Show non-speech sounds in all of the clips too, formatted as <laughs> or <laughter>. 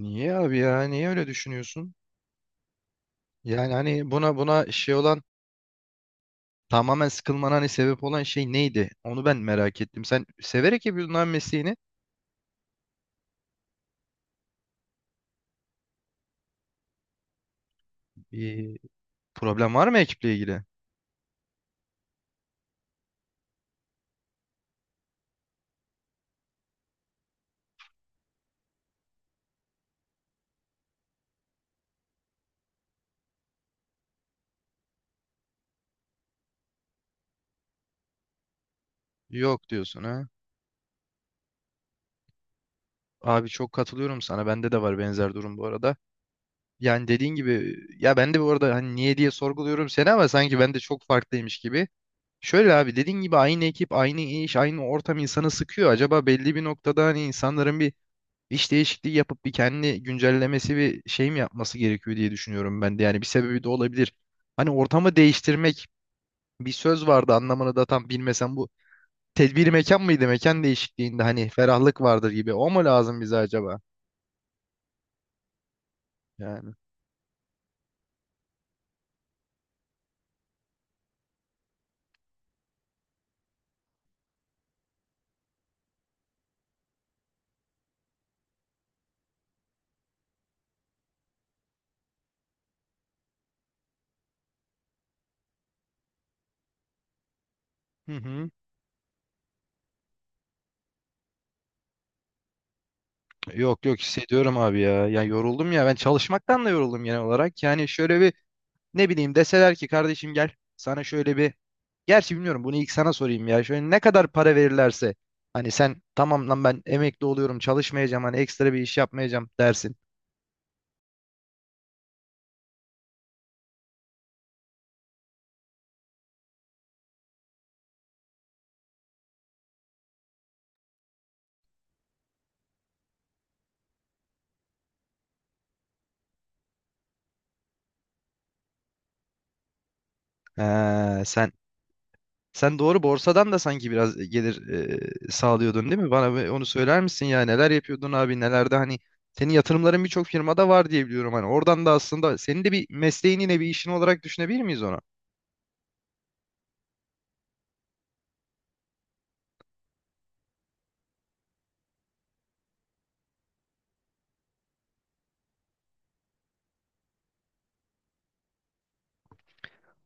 Niye abi ya? Niye öyle düşünüyorsun? Yani hani buna şey olan tamamen sıkılmana hani sebep olan şey neydi? Onu ben merak ettim. Sen severek yapıyordun abi mesleğini. Bir problem var mı ekiple ilgili? Yok diyorsun ha. Abi çok katılıyorum sana. Bende de var benzer durum bu arada. Yani dediğin gibi ya ben de bu arada hani niye diye sorguluyorum seni ama sanki ben de çok farklıymış gibi. Şöyle abi dediğin gibi aynı ekip, aynı iş, aynı ortam insanı sıkıyor. Acaba belli bir noktada hani insanların bir iş değişikliği yapıp bir kendi güncellemesi ve şey mi yapması gerekiyor diye düşünüyorum ben de. Yani bir sebebi de olabilir. Hani ortamı değiştirmek bir söz vardı anlamını da tam bilmesem bu tedbir mekan mıydı? Mekan değişikliğinde hani ferahlık vardır gibi. O mu lazım bize acaba? Yani. Hı hı. Yok yok hissediyorum abi ya. Ya yoruldum ya ben çalışmaktan da yoruldum genel olarak. Yani şöyle bir ne bileyim deseler ki kardeşim gel sana şöyle bir gerçi bilmiyorum bunu ilk sana sorayım ya. Şöyle ne kadar para verirlerse hani sen tamam lan ben emekli oluyorum çalışmayacağım hani ekstra bir iş yapmayacağım dersin. Ee, sen sen doğru borsadan da sanki biraz gelir sağlıyordun değil mi? Bana bir onu söyler misin ya neler yapıyordun abi nelerde hani senin yatırımların birçok firmada var diye biliyorum hani oradan da aslında senin de bir mesleğin yine bir işin olarak düşünebilir miyiz onu?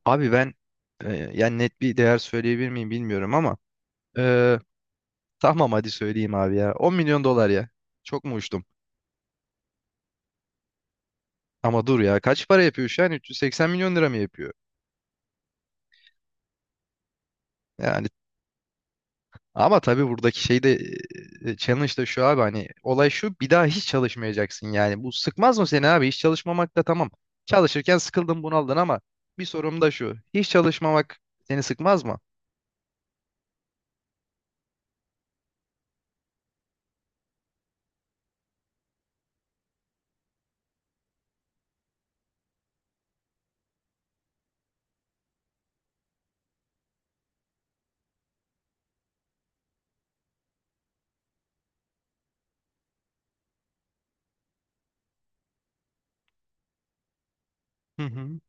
Abi ben yani net bir değer söyleyebilir miyim bilmiyorum ama e, tamam hadi söyleyeyim abi ya 10 milyon dolar ya çok mu uçtum? Ama dur ya kaç para yapıyor şu an? 380 milyon lira mı yapıyor? Yani ama tabii buradaki şey de challenge da şu abi hani olay şu bir daha hiç çalışmayacaksın yani. Bu sıkmaz mı seni abi? Hiç çalışmamak da tamam. Çalışırken sıkıldın bunaldın ama bir sorum da şu. Hiç çalışmamak seni sıkmaz mı? Hı hı.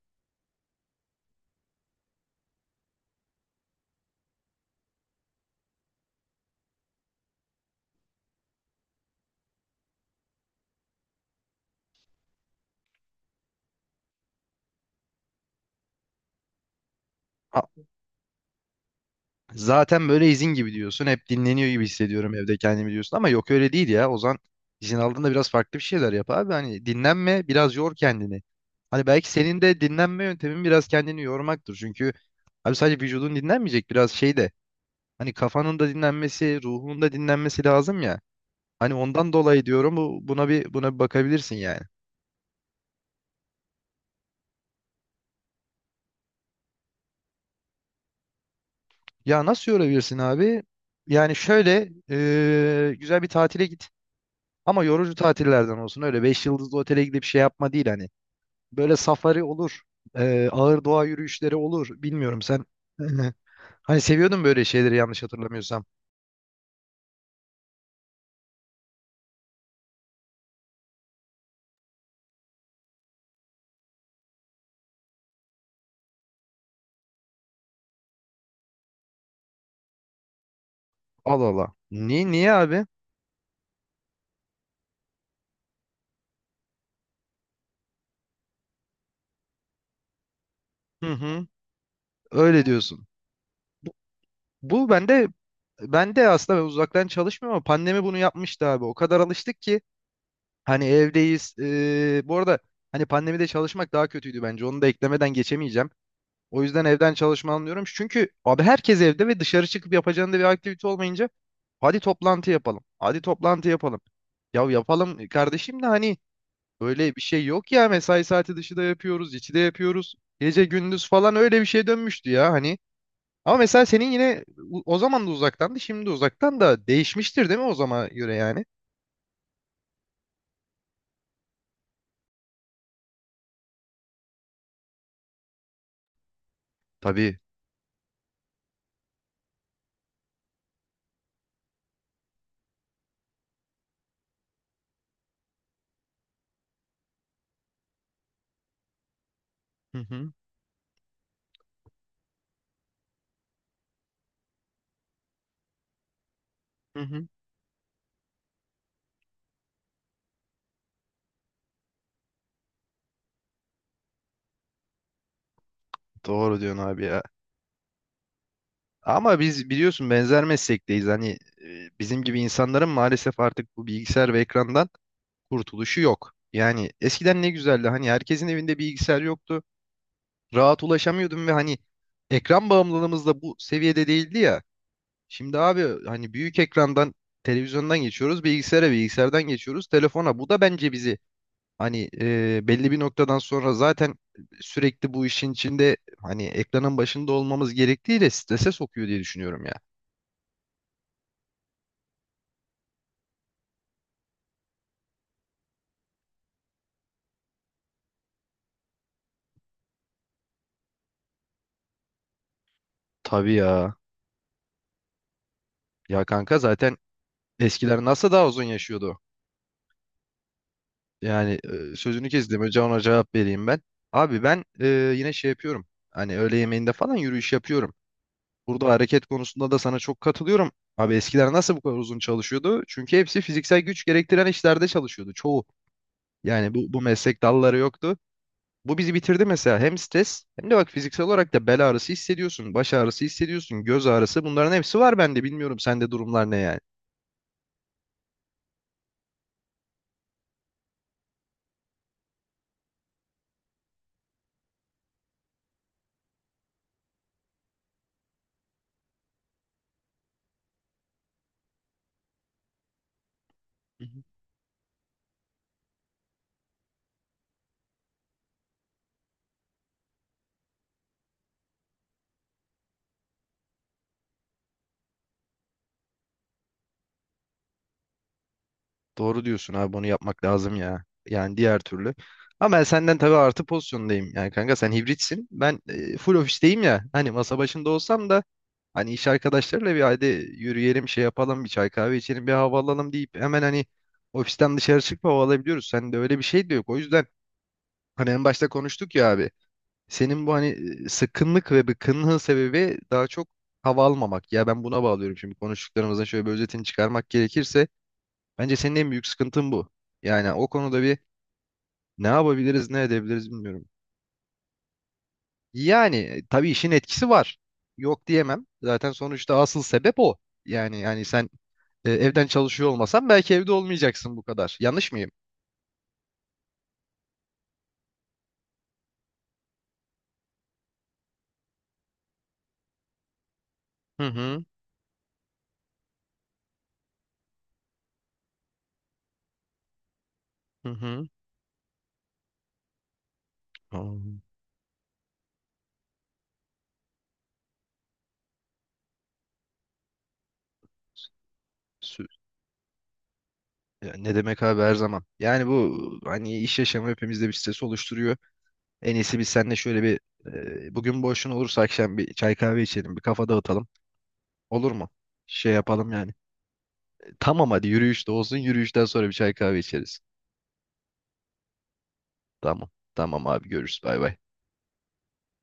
A- Zaten böyle izin gibi diyorsun. Hep dinleniyor gibi hissediyorum evde kendimi diyorsun. Ama yok öyle değil ya. Ozan izin aldığında biraz farklı bir şeyler yap abi. Hani dinlenme biraz yor kendini. Hani belki senin de dinlenme yöntemin biraz kendini yormaktır. Çünkü abi sadece vücudun dinlenmeyecek biraz şey de. Hani kafanın da dinlenmesi, ruhun da dinlenmesi lazım ya. Hani ondan dolayı diyorum bu buna bir bakabilirsin yani. Ya nasıl yorabilirsin abi? Yani şöyle güzel bir tatile git. Ama yorucu tatillerden olsun öyle 5 yıldızlı otele gidip şey yapma değil hani. Böyle safari olur. Ağır doğa yürüyüşleri olur. Bilmiyorum sen. <laughs> Hani seviyordun böyle şeyleri yanlış hatırlamıyorsam. Allah Allah. Niye, niye abi? Hı hı. Öyle diyorsun. Bu, bu bende aslında ben uzaktan çalışmıyorum ama pandemi bunu yapmıştı abi. O kadar alıştık ki hani evdeyiz. Bu arada hani pandemide çalışmak daha kötüydü bence. Onu da eklemeden geçemeyeceğim. O yüzden evden çalışma anlıyorum. Çünkü abi herkes evde ve dışarı çıkıp yapacağında bir aktivite olmayınca hadi toplantı yapalım. Hadi toplantı yapalım. Ya yapalım kardeşim de hani böyle bir şey yok ya mesai saati dışı da yapıyoruz, içi de yapıyoruz. Gece gündüz falan öyle bir şeye dönmüştü ya hani. Ama mesela senin yine o zaman da uzaktandı, şimdi de uzaktan da değişmiştir değil mi o zaman göre yani? Tabii. Hı hı. Hı hı. Doğru diyorsun abi ya. Ama biz biliyorsun benzer meslekteyiz. Hani bizim gibi insanların maalesef artık bu bilgisayar ve ekrandan kurtuluşu yok. Yani eskiden ne güzeldi. Hani herkesin evinde bilgisayar yoktu. Rahat ulaşamıyordum ve hani ekran bağımlılığımız da bu seviyede değildi ya. Şimdi abi hani büyük ekrandan televizyondan geçiyoruz, bilgisayara, bilgisayardan geçiyoruz, telefona. Bu da bence bizi hani belli bir noktadan sonra zaten sürekli bu işin içinde hani ekranın başında olmamız gerektiğiyle strese sokuyor diye düşünüyorum ya. Tabii ya. Ya kanka zaten eskiler nasıl daha uzun yaşıyordu? Yani sözünü kestim. Önce ona cevap vereyim ben. Abi ben yine şey yapıyorum. Hani öğle yemeğinde falan yürüyüş yapıyorum. Burada hareket konusunda da sana çok katılıyorum. Abi eskiler nasıl bu kadar uzun çalışıyordu? Çünkü hepsi fiziksel güç gerektiren işlerde çalışıyordu. Çoğu. Yani bu meslek dalları yoktu. Bu bizi bitirdi mesela. Hem stres hem de bak fiziksel olarak da bel ağrısı hissediyorsun. Baş ağrısı hissediyorsun. Göz ağrısı. Bunların hepsi var bende. Bilmiyorum sende durumlar ne yani. Doğru diyorsun abi bunu yapmak lazım ya. Yani diğer türlü. Ama ben senden tabii artı pozisyondayım. Yani kanka sen hibritsin. Ben full ofisteyim ya. Hani masa başında olsam da hani iş arkadaşlarıyla bir hadi yürüyelim şey yapalım bir çay kahve içelim bir hava alalım deyip hemen hani ofisten dışarı çıkıp hava alabiliyoruz. Sen de öyle bir şey de yok. O yüzden hani en başta konuştuk ya abi. Senin bu hani sıkkınlık ve bıkkınlığın sebebi daha çok hava almamak. Ya ben buna bağlıyorum şimdi konuştuklarımızın şöyle bir özetini çıkarmak gerekirse. Bence senin en büyük sıkıntın bu. Yani o konuda bir ne yapabiliriz, ne edebiliriz bilmiyorum. Yani tabii işin etkisi var. Yok diyemem. Zaten sonuçta asıl sebep o. Yani sen evden çalışıyor olmasan belki evde olmayacaksın bu kadar. Yanlış mıyım? Hı hı hı hı. Aa, sü- ya ne demek abi her zaman. Yani bu hani iş yaşamı hepimizde bir stres oluşturuyor. En iyisi biz seninle şöyle bir bugün boşun olursa akşam bir çay kahve içelim, bir kafa dağıtalım. Olur mu? Şey yapalım yani. Tamam hadi yürüyüş de olsun. Yürüyüşten sonra bir çay kahve içeriz. Tamam. Tamam abi görüşürüz. Bay bay.